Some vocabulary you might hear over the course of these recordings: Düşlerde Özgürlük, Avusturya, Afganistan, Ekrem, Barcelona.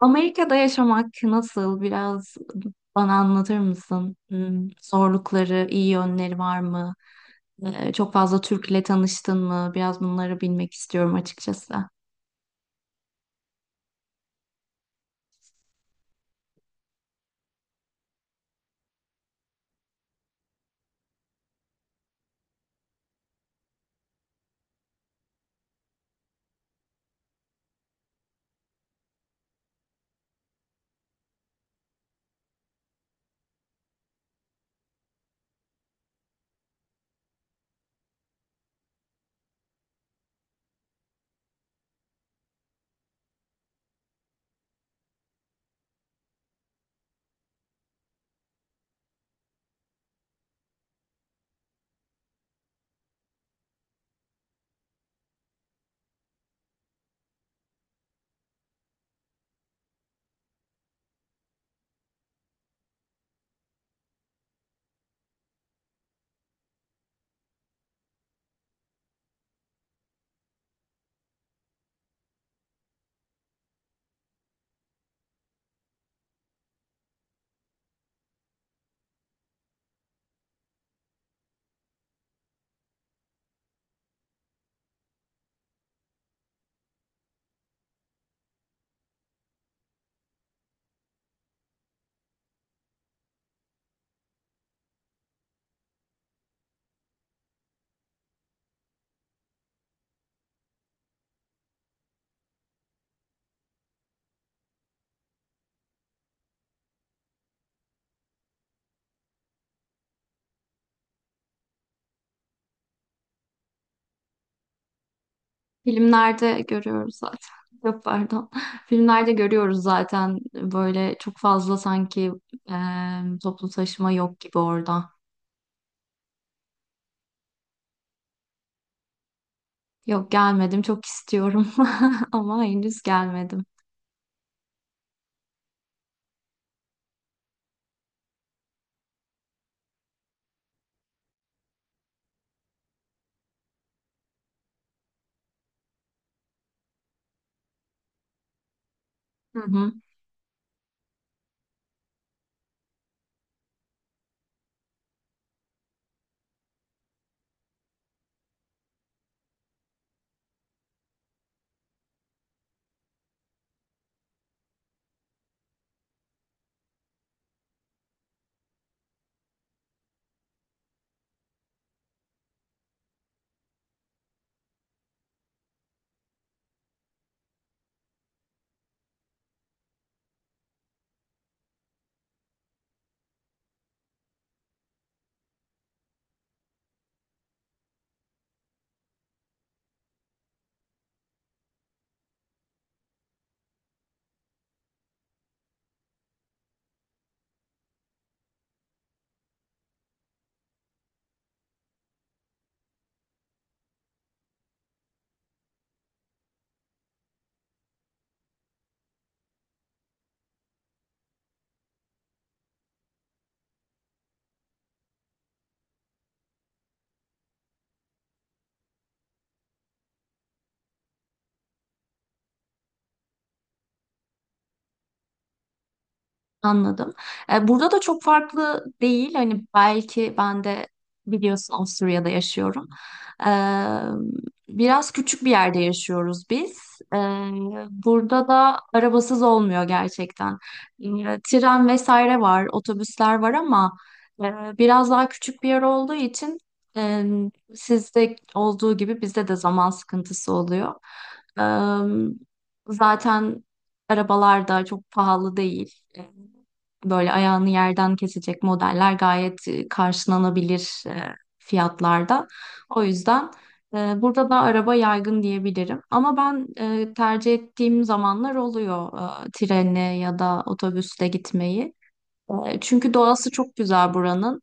Amerika'da yaşamak nasıl? Biraz bana anlatır mısın? Zorlukları, iyi yönleri var mı? Çok fazla Türk'le tanıştın mı? Biraz bunları bilmek istiyorum açıkçası. Filmlerde görüyoruz zaten. Yok, pardon. Filmlerde görüyoruz zaten, böyle çok fazla sanki e, toplu taşıma yok gibi orada. Yok, gelmedim, çok istiyorum ama henüz gelmedim. Hı hı. Anladım. Burada da çok farklı değil. Hani belki ben de biliyorsun Avusturya'da yaşıyorum. E, Biraz küçük bir yerde yaşıyoruz biz. E, Burada da arabasız olmuyor gerçekten. Tren vesaire var, otobüsler var ama e, biraz daha küçük bir yer olduğu için e, sizde olduğu gibi bizde de zaman sıkıntısı oluyor. E, Zaten arabalar da çok pahalı değil. Böyle ayağını yerden kesecek modeller gayet karşılanabilir fiyatlarda. O yüzden burada da araba yaygın diyebilirim. Ama ben tercih ettiğim zamanlar oluyor trenle ya da otobüsle gitmeyi. Çünkü doğası çok güzel buranın.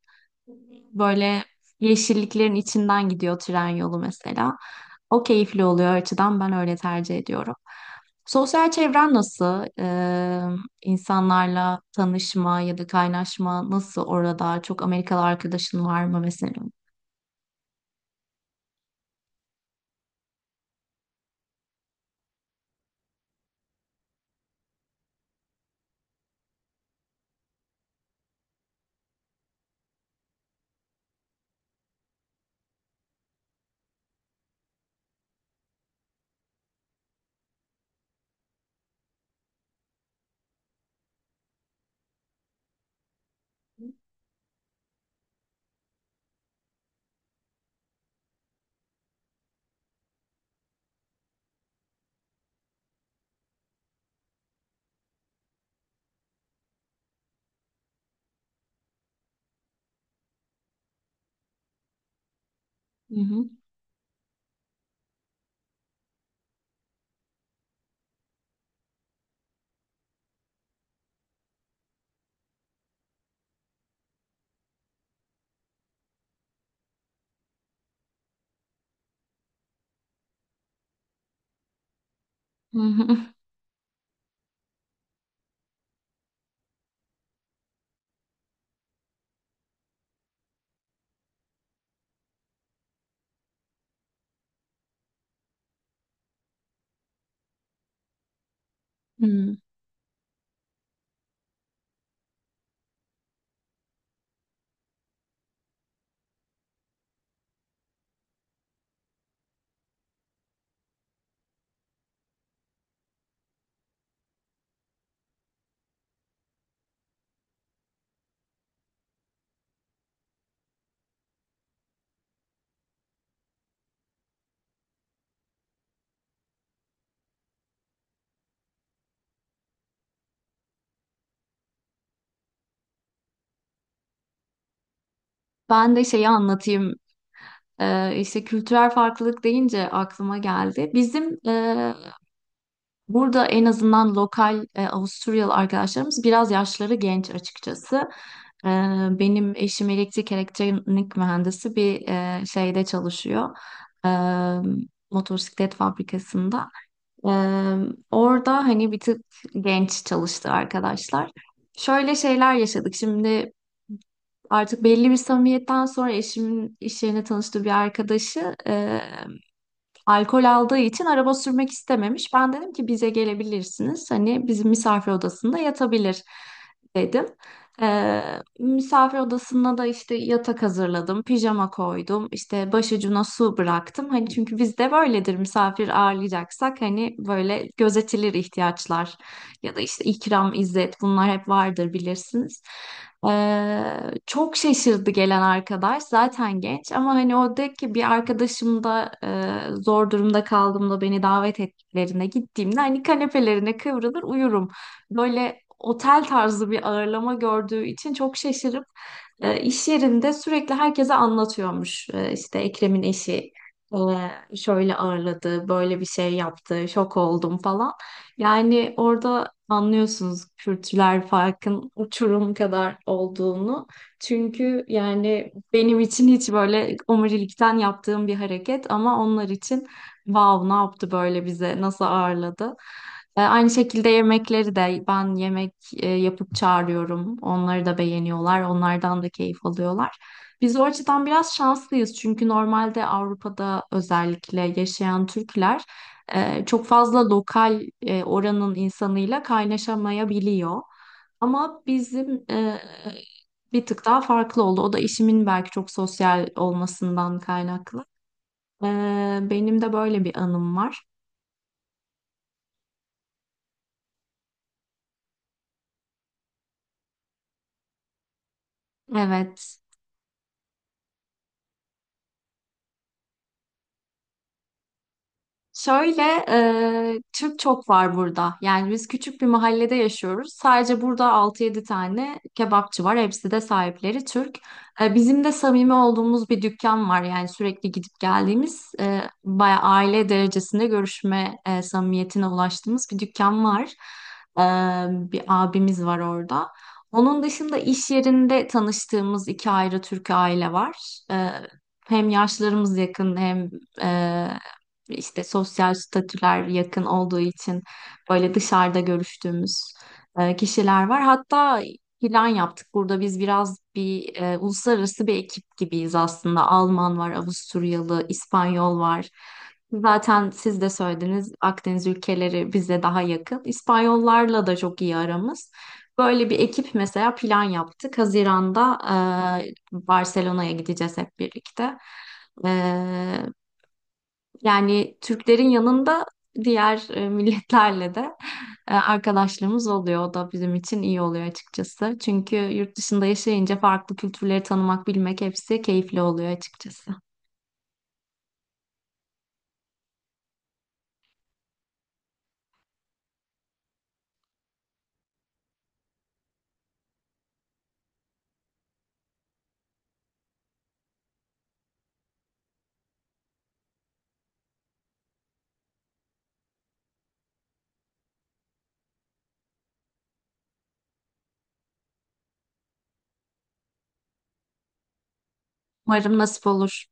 Böyle yeşilliklerin içinden gidiyor tren yolu mesela. O keyifli oluyor, o açıdan ben öyle tercih ediyorum. Sosyal çevren nasıl? İnsanlarla tanışma ya da kaynaşma nasıl orada? Çok Amerikalı arkadaşın var mı mesela? Hı hı. Hı hı. hmm. Ben de şeyi anlatayım. İşte kültürel farklılık deyince aklıma geldi. Bizim burada en azından lokal Avusturyalı arkadaşlarımız biraz yaşları genç açıkçası. E, Benim eşim elektrik elektronik mühendisi bir şeyde çalışıyor. E, Motosiklet fabrikasında. E, Orada hani bir tık genç çalıştı arkadaşlar. Şöyle şeyler yaşadık. Şimdi artık belli bir samimiyetten sonra eşimin iş yerine tanıştığı bir arkadaşı alkol aldığı için araba sürmek istememiş. Ben dedim ki bize gelebilirsiniz. Hani bizim misafir odasında yatabilir dedim. Ee, Misafir odasına da işte yatak hazırladım, pijama koydum, işte başucuna su bıraktım. Hani çünkü bizde böyledir, misafir ağırlayacaksak hani böyle gözetilir ihtiyaçlar ya da işte İkram, İzzet bunlar hep vardır, bilirsiniz. Ee, Çok şaşırdı gelen arkadaş. Zaten genç ama hani o dedi ki bir arkadaşım da zor durumda kaldığımda beni davet ettiklerine gittiğimde hani kanepelerine kıvrılır uyurum. Böyle otel tarzı bir ağırlama gördüğü için çok şaşırıp iş yerinde sürekli herkese anlatıyormuş. İşte Ekrem'in eşi e, şöyle ağırladı, böyle bir şey yaptı, şok oldum falan. Yani orada anlıyorsunuz kültürel farkın uçurum kadar olduğunu. Çünkü yani benim için hiç böyle omurilikten yaptığım bir hareket ama onlar için wow, ne yaptı, böyle bize nasıl ağırladı. Aynı şekilde yemekleri de ben yemek yapıp çağırıyorum. Onları da beğeniyorlar. Onlardan da keyif alıyorlar. Biz o açıdan biraz şanslıyız çünkü normalde Avrupa'da özellikle yaşayan Türkler çok fazla lokal oranın insanıyla kaynaşamayabiliyor. Ama bizim bir tık daha farklı oldu. O da işimin belki çok sosyal olmasından kaynaklı. E, Benim de böyle bir anım var. Evet. Şöyle, Türk çok var burada. Yani biz küçük bir mahallede yaşıyoruz. Sadece burada altı yedi tane kebapçı var. Hepsi de sahipleri Türk. Bizim de samimi olduğumuz bir dükkan var. Yani sürekli gidip geldiğimiz, bayağı aile derecesinde görüşme samimiyetine ulaştığımız bir dükkan var. E, Bir abimiz var orada. Onun dışında iş yerinde tanıştığımız iki ayrı Türk aile var. E, Hem yaşlarımız yakın hem işte sosyal statüler yakın olduğu için böyle dışarıda görüştüğümüz kişiler var. Hatta plan yaptık. Burada biz biraz bir uluslararası bir ekip gibiyiz aslında. Alman var, Avusturyalı, İspanyol var. Zaten siz de söylediniz, Akdeniz ülkeleri bize daha yakın. İspanyollarla da çok iyi aramız. Böyle bir ekip mesela, plan yaptık. Haziran'da Barcelona'ya gideceğiz hep birlikte. E, Yani Türklerin yanında diğer milletlerle de arkadaşlığımız oluyor. O da bizim için iyi oluyor açıkçası. Çünkü yurt dışında yaşayınca farklı kültürleri tanımak, bilmek, hepsi keyifli oluyor açıkçası. Umarım nasip olur.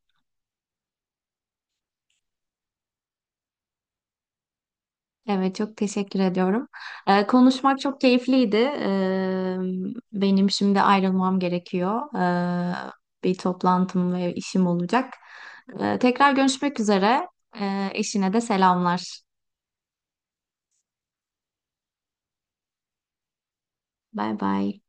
Evet, çok teşekkür ediyorum. Konuşmak çok keyifliydi. Benim şimdi ayrılmam gerekiyor. E, Bir toplantım ve işim olacak. Tekrar görüşmek üzere. Eşine de selamlar. Bay bay.